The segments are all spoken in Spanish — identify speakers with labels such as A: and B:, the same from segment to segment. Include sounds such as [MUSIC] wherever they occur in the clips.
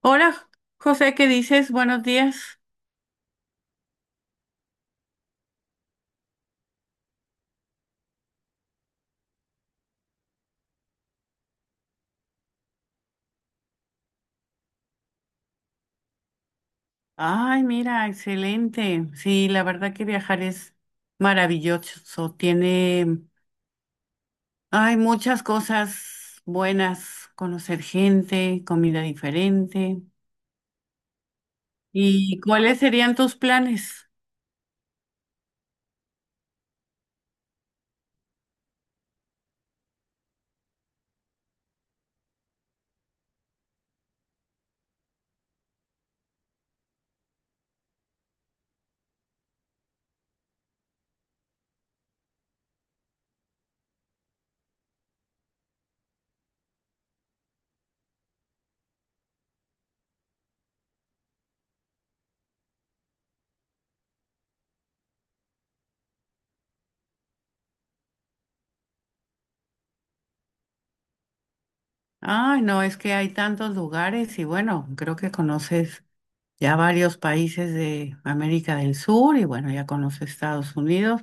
A: Hola, José, ¿qué dices? Buenos días. Ay, mira, excelente. Sí, la verdad que viajar es maravilloso. Hay muchas cosas buenas, conocer gente, comida diferente. ¿Y cuáles serían tus planes? Ay, no, es que hay tantos lugares y bueno, creo que conoces ya varios países de América del Sur y bueno, ya conoces Estados Unidos.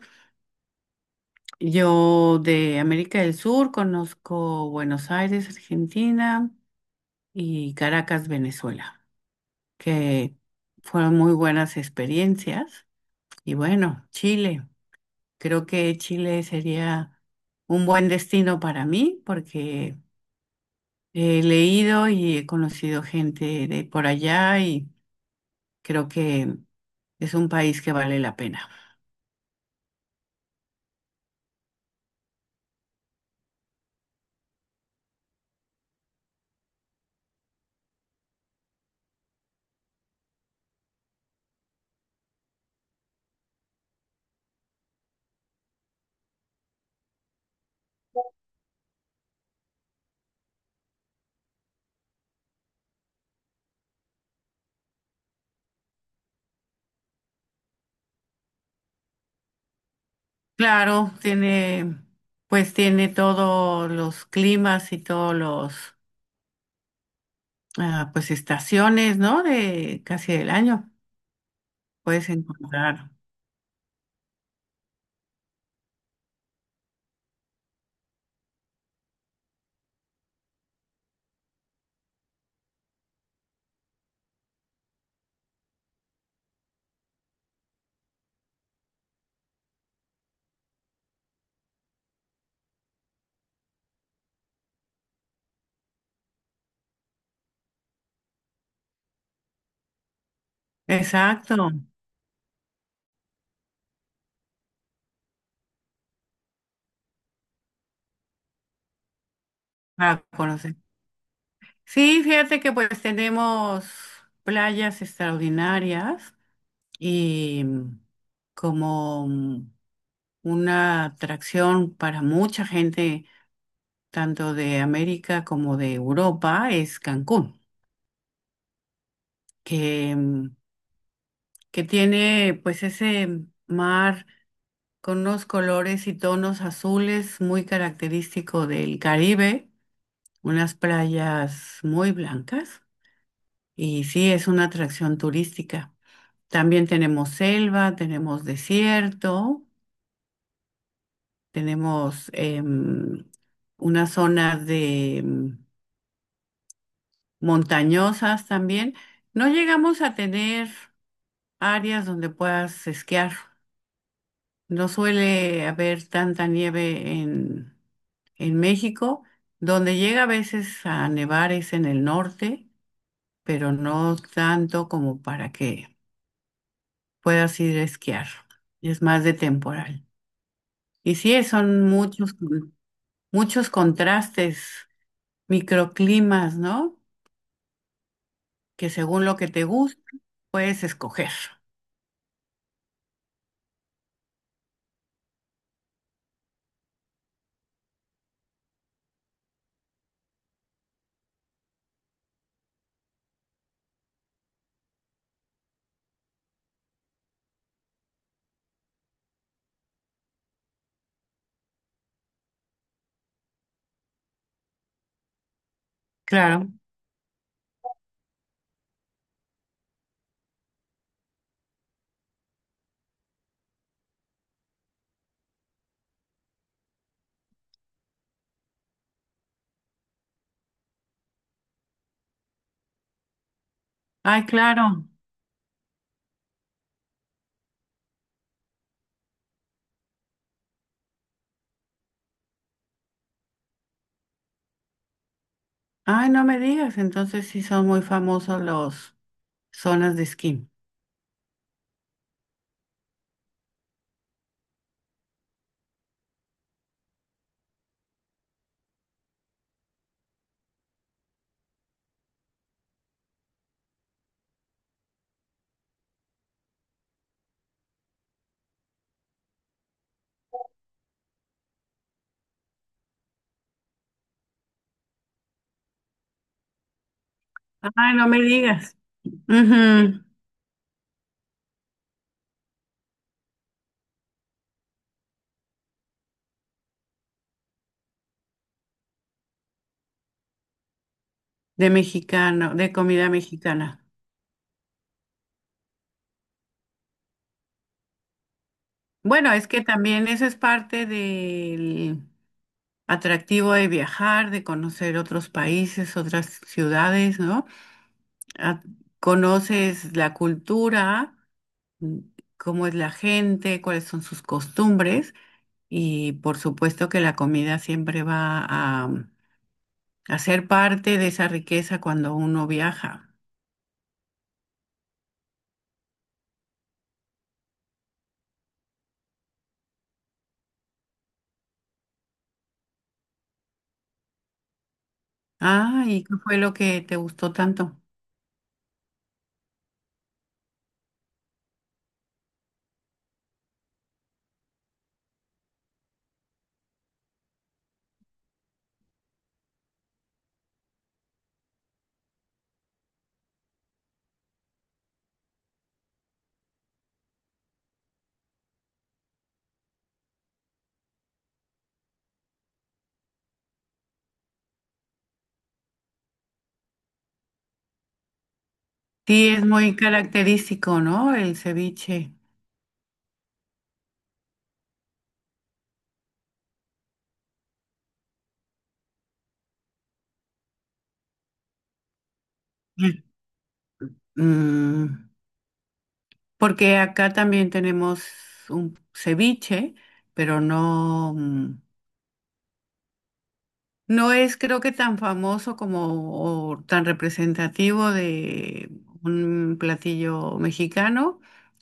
A: Yo de América del Sur conozco Buenos Aires, Argentina y Caracas, Venezuela, que fueron muy buenas experiencias. Y bueno, Chile. Creo que Chile sería un buen destino para mí porque he leído y he conocido gente de por allá y creo que es un país que vale la pena. Claro, pues tiene todos los climas y todos los pues estaciones, ¿no? De casi del año puedes encontrar. Exacto, para conocer. Sí, fíjate que pues tenemos playas extraordinarias y como una atracción para mucha gente, tanto de América como de Europa, es Cancún, que, mm, que tiene pues ese mar con unos colores y tonos azules muy característico del Caribe, unas playas muy blancas y sí, es una atracción turística. También tenemos selva, tenemos desierto, tenemos unas zonas de montañosas también. No llegamos a tener áreas donde puedas esquiar. No suele haber tanta nieve en México. Donde llega a veces a nevar es en el norte, pero no tanto como para que puedas ir a esquiar. Es más de temporal. Y sí, son muchos, muchos contrastes, microclimas, ¿no? Que según lo que te gusta, puedes escoger. Claro. Ay, claro. Ay, no me digas. Entonces sí son muy famosos los zonas de esquí. Ay, no me digas. Ujú. De comida mexicana. Bueno, es que también eso es parte del atractivo de viajar, de conocer otros países, otras ciudades, ¿no? Ah, conoces la cultura, mm, cómo es la gente, cuáles son sus costumbres y por supuesto que la comida siempre va a, a ser parte de esa riqueza cuando uno viaja. Ah, ¿y qué fue lo que te gustó tanto? Sí, es muy característico, ¿no? El ceviche. Sí. Mm, Porque acá también tenemos un ceviche, pero no, no es creo que tan famoso como o tan representativo de un platillo mexicano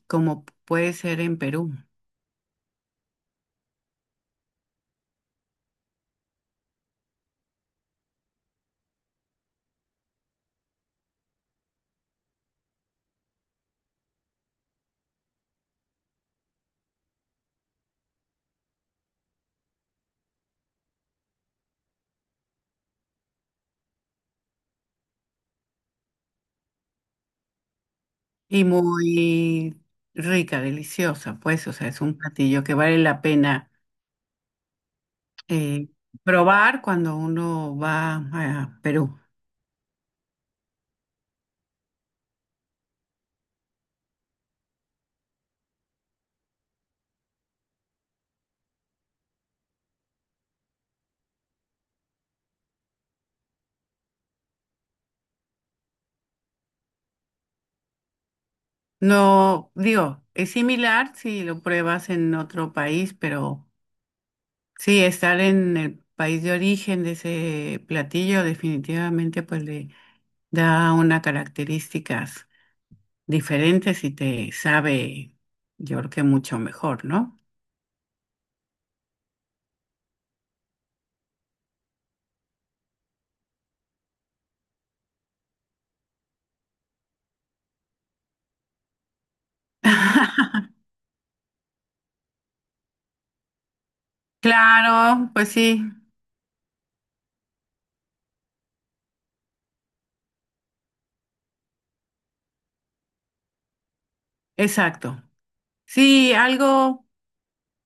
A: como puede ser en Perú. Y muy rica, deliciosa, pues, o sea, es un platillo que vale la pena eh, probar cuando uno va a Perú. No, digo, es similar si lo pruebas en otro país, pero sí, estar en el país de origen de ese platillo definitivamente pues le da unas características diferentes y te sabe, yo creo que mucho mejor, ¿no? [LAUGHS] Claro, pues sí, exacto. Si algo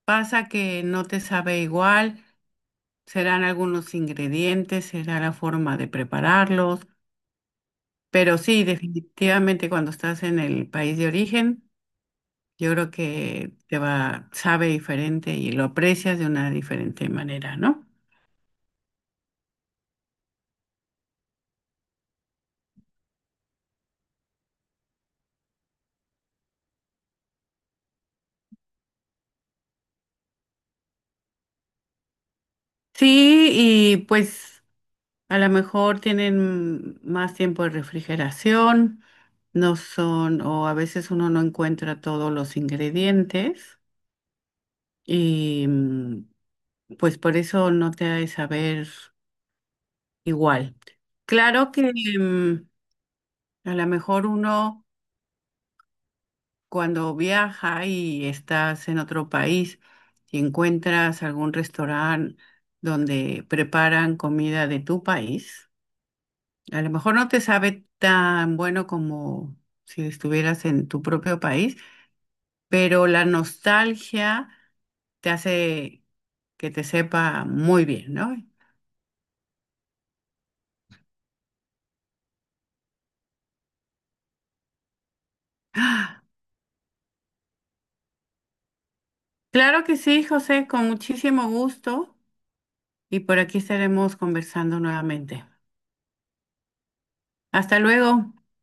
A: pasa que no te sabe igual, serán algunos ingredientes, será la forma de prepararlos. Pero sí, definitivamente cuando estás en el país de origen, yo creo que te va, sabe diferente y lo aprecias de una diferente manera, ¿no? Sí, y pues a lo mejor tienen más tiempo de refrigeración, no son, o a veces uno no encuentra todos los ingredientes y pues por eso no te ha de saber igual. Claro que mm, a lo mejor uno, cuando viaja y estás en otro país y encuentras algún restaurante donde preparan comida de tu país, a lo mejor no te sabe tan bueno como si estuvieras en tu propio país, pero la nostalgia te hace que te sepa muy bien, ¿no? ¡Ah! Claro que sí, José, con muchísimo gusto y por aquí estaremos conversando nuevamente. Hasta luego.